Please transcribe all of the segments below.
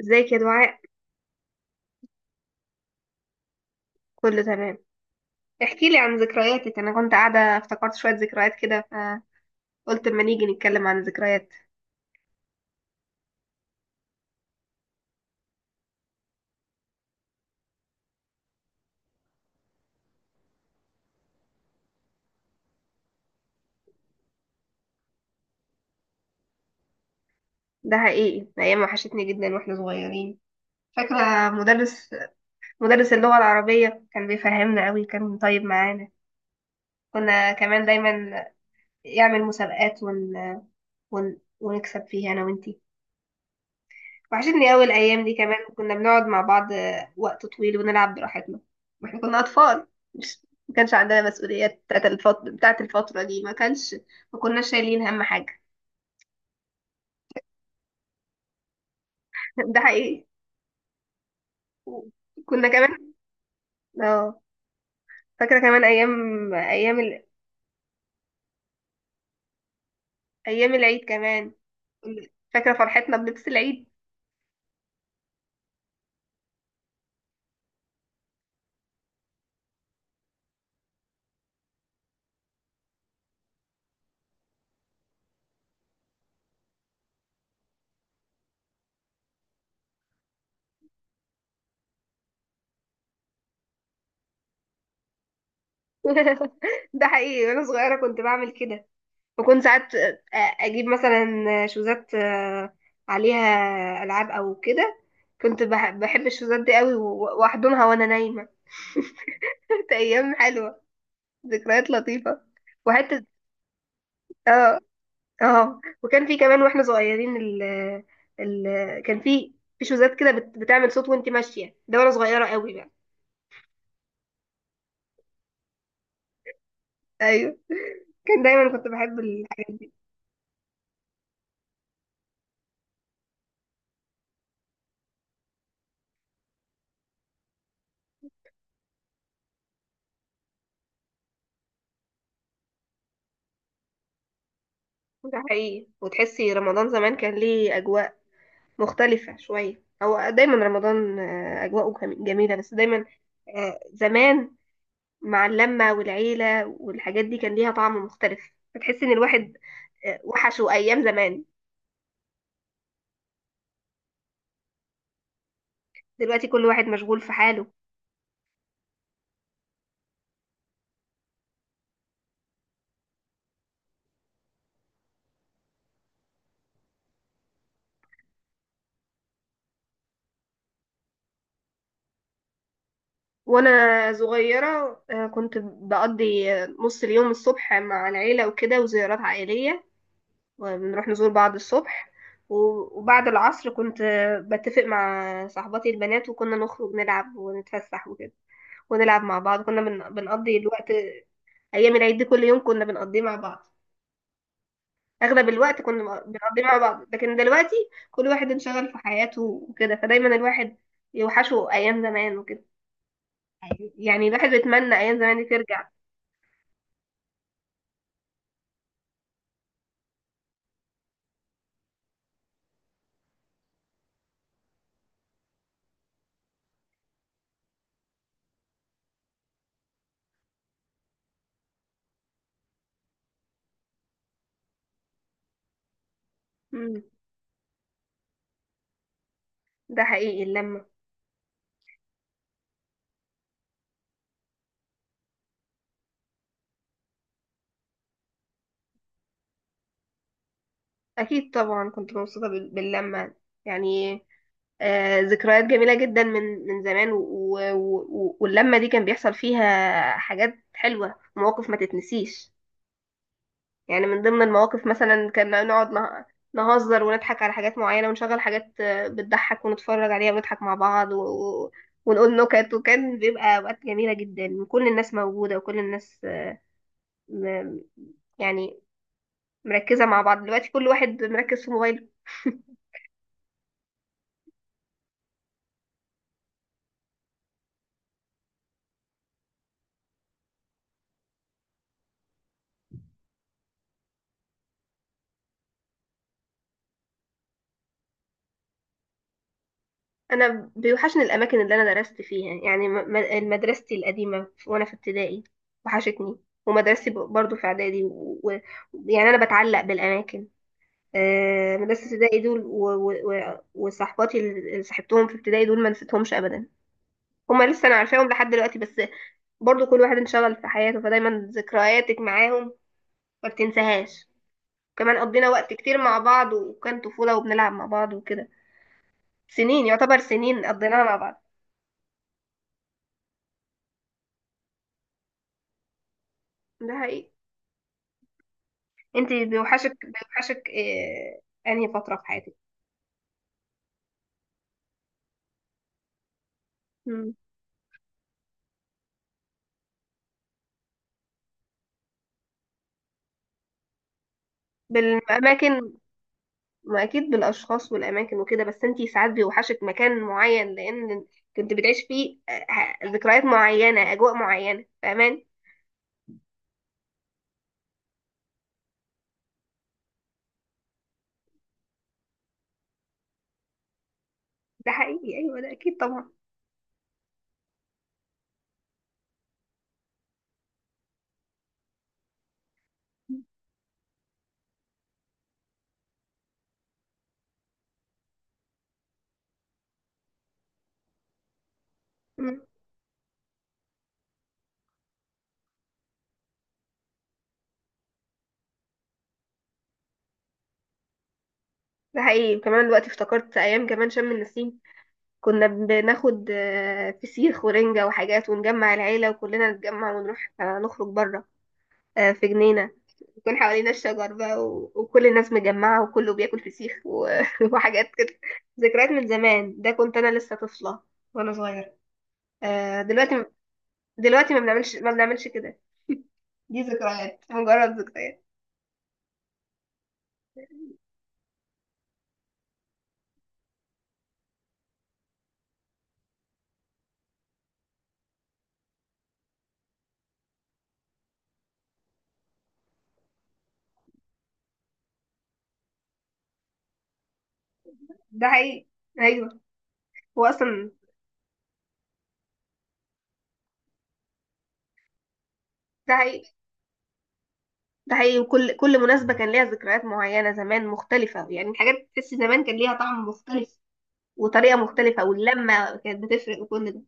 ازيك يا دعاء. كله تمام. احكي لي عن ذكرياتك، انا كنت قاعده افتكرت شويه ذكريات كده فقلت اما نيجي نتكلم عن الذكريات. ده حقيقي، ايام وحشتني جدا واحنا صغيرين. فاكره مدرس اللغه العربيه كان بيفهمنا قوي، كان طيب معانا. كنا كمان دايما يعمل مسابقات ونكسب فيها انا وانتي. وحشتني أوي الأيام دي، كمان كنا بنقعد مع بعض وقت طويل ونلعب براحتنا، ما احنا كنا أطفال. مش ما كانش عندنا مسؤوليات بتاعت الفترة دي، ما كانش ما كناش شايلين هم حاجة. ده حقيقي. كنا كمان اه فاكرة كمان أيام، أيام أيام العيد كمان. فاكرة فرحتنا بلبس العيد. ده حقيقي، وأنا صغيرة كنت بعمل كده. بكون ساعات اجيب مثلا شوزات، عليها العاب او كده. كنت بحب الشوزات دي قوي واحضنها وانا نايمه. كانت ايام حلوه، ذكريات لطيفه وحته. اه اه وكان في كمان واحنا صغيرين، ال ال كان في شوزات كده بتعمل صوت وانت ماشيه، ده وانا صغيره قوي بقى. ايوه، كان دايما كنت بحب الحاجات دي. ده حقيقي، وتحسي رمضان زمان كان ليه اجواء مختلفة شوية. هو دايما رمضان أجواءه جميلة، بس دايما زمان مع اللمة والعيلة والحاجات دي كان ليها طعم مختلف. بتحس إن الواحد وحشه أيام زمان. دلوقتي كل واحد مشغول في حاله. وأنا صغيرة كنت بقضي نص اليوم الصبح مع العيلة وكده وزيارات عائلية، وبنروح نزور بعض الصبح، وبعد العصر كنت بتفق مع صاحباتي البنات وكنا نخرج نلعب ونتفسح وكده، ونلعب مع بعض. كنا بنقضي الوقت. ايام العيد دي كل يوم كنا بنقضيه مع بعض، اغلب الوقت كنا بنقضيه مع بعض. لكن دلوقتي كل واحد انشغل في حياته وكده، فدايما الواحد يوحشه ايام زمان وكده. يعني الواحد بيتمنى ايام زمان دي ترجع. مم. ده حقيقي، اللمة اكيد طبعا كنت مبسوطة باللمة. يعني ذكريات جميلة جدا من زمان، واللمة دي كان بيحصل فيها حاجات حلوة، مواقف ما تتنسيش. يعني من ضمن المواقف مثلا كنا نقعد نهزر ونضحك على حاجات معينة ونشغل حاجات بتضحك ونتفرج عليها ونضحك مع بعض، ونقول نكت، وكان بيبقى أوقات جميلة جدا، كل الناس موجودة وكل الناس م... يعني مركزة مع بعض. دلوقتي كل واحد مركز في موبايله. أنا بيوحشني الأماكن اللي أنا درست فيها، يعني مدرستي القديمة وأنا في ابتدائي وحشتني، ومدرستي برضو في إعدادي، ويعني يعني أنا بتعلق بالأماكن. مدرسة ابتدائي دول وصحباتي اللي صاحبتهم في ابتدائي دول ما نسيتهمش أبدا. هما لسه أنا عارفاهم لحد دلوقتي، بس برضو كل واحد انشغل في حياته، فدايما ذكرياتك معاهم ما بتنساهاش. كمان قضينا وقت كتير مع بعض، وكان طفولة وبنلعب مع بعض وكده. سنين، يعتبر سنين قضيناها مع بعض. ده حقيقي. انت بيوحشك أنهي فترة في حياتك؟ مم. بالأماكن. ما اكيد بالاشخاص والاماكن وكده، بس انتي ساعات بيوحشك مكان معين لان كنت بتعيش فيه، ذكريات معينه، اجواء معينه، فاهماني. ده حقيقي، ايوه، ده اكيد طبعا. مم. ده حقيقي، كمان دلوقتي افتكرت ايام كمان شم النسيم. كنا بناخد فسيخ ورنجة وحاجات ونجمع العيلة وكلنا نتجمع ونروح نخرج بره، في جنينة يكون حوالينا الشجر بقى، وكل الناس مجمعة وكله بياكل فسيخ وحاجات كده. ذكريات من زمان، ده كنت أنا لسه طفلة وأنا صغيرة. دلوقتي، دلوقتي ما بنعملش كده، دي ذكريات، مجرد ذكريات. ده حقيقي، أيوه. هو أصلا ده حقيقي ده حقيقي. وكل مناسبة كان ليها ذكريات معينة زمان مختلفة، يعني الحاجات تحس زمان كان ليها طعم مختلف وطريقة مختلفة، واللمة كانت بتفرق، وكل ده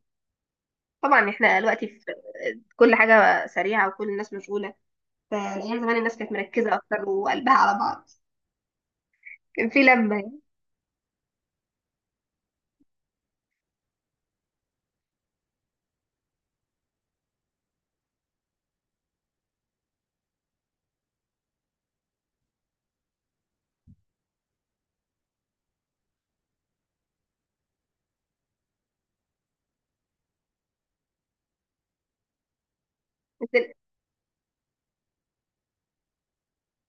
طبعا احنا دلوقتي في كل حاجة سريعة وكل الناس مشغولة. فأيام زمان الناس كانت مركزة أكتر، وقلبها على بعض، كان في لمة يعني. بس ال-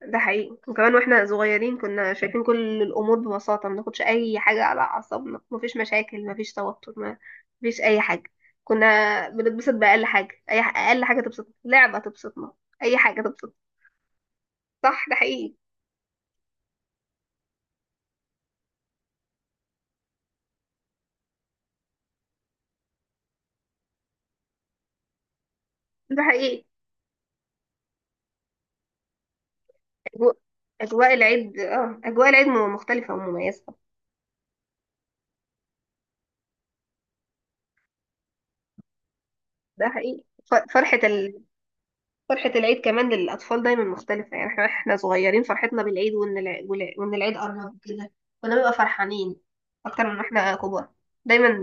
ده حقيقي، وكمان واحنا صغيرين كنا شايفين كل الأمور ببساطة، ما ناخدش أي حاجة على أعصابنا. مفيش مشاكل، مفيش توتر، مفيش أي حاجة. كنا بنتبسط بأقل حاجة، أقل حاجة تبسطنا، لعبة تبسطنا، أي حاجة تبسطنا. صح، ده حقيقي. ده حقيقي. أجواء، أجواء العيد اه أجواء العيد مختلفة ومميزة. ده حقيقي، ف- فرحة فرحة العيد كمان للأطفال دايما مختلفة. يعني احنا صغيرين، فرحتنا بالعيد وإن العيد قرب كده، كنا بنبقى فرحانين أكتر من واحنا كبار. دايما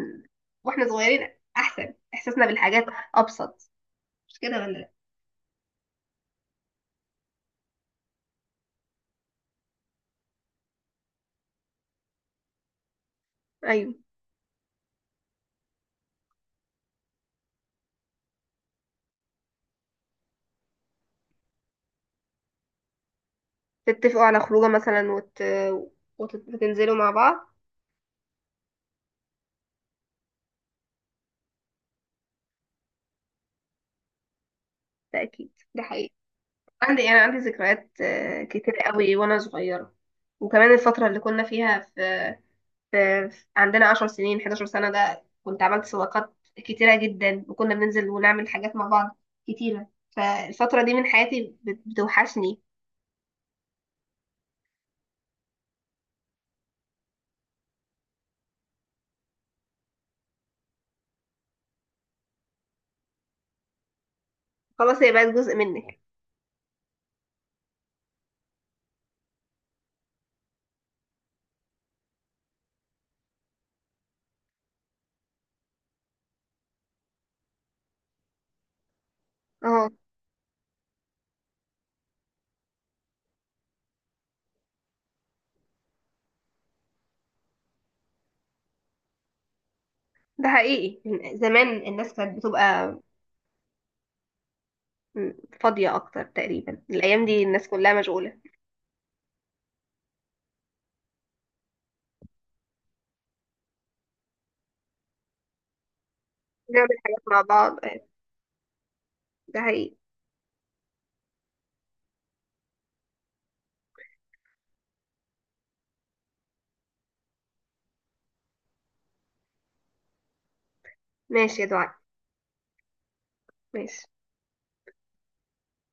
واحنا صغيرين أحسن، إحساسنا بالحاجات أبسط. مش كده ولا لأ؟ أيوة، تتفقوا على خروجة مثلا وتنزلوا مع بعض. ده أكيد، ده حقيقي. عندي، أنا عندي ذكريات كتير قوي وأنا صغيرة. وكمان الفترة اللي كنا فيها عندنا 10 سنين 11 سنة، ده كنت عملت صداقات كتيرة جدا، وكنا بننزل ونعمل حاجات مع بعض كتيرة. فالفترة دي من حياتي بتوحشني. خلاص، هي بقت جزء منك. اه ده حقيقي. زمان الناس كانت بتبقى م- فاضية أكتر تقريبا. الأيام دي الناس كلها مشغولة. نعمل حاجات مع بعض. ده حقيقي. ماشي يا دعاء، ماشي.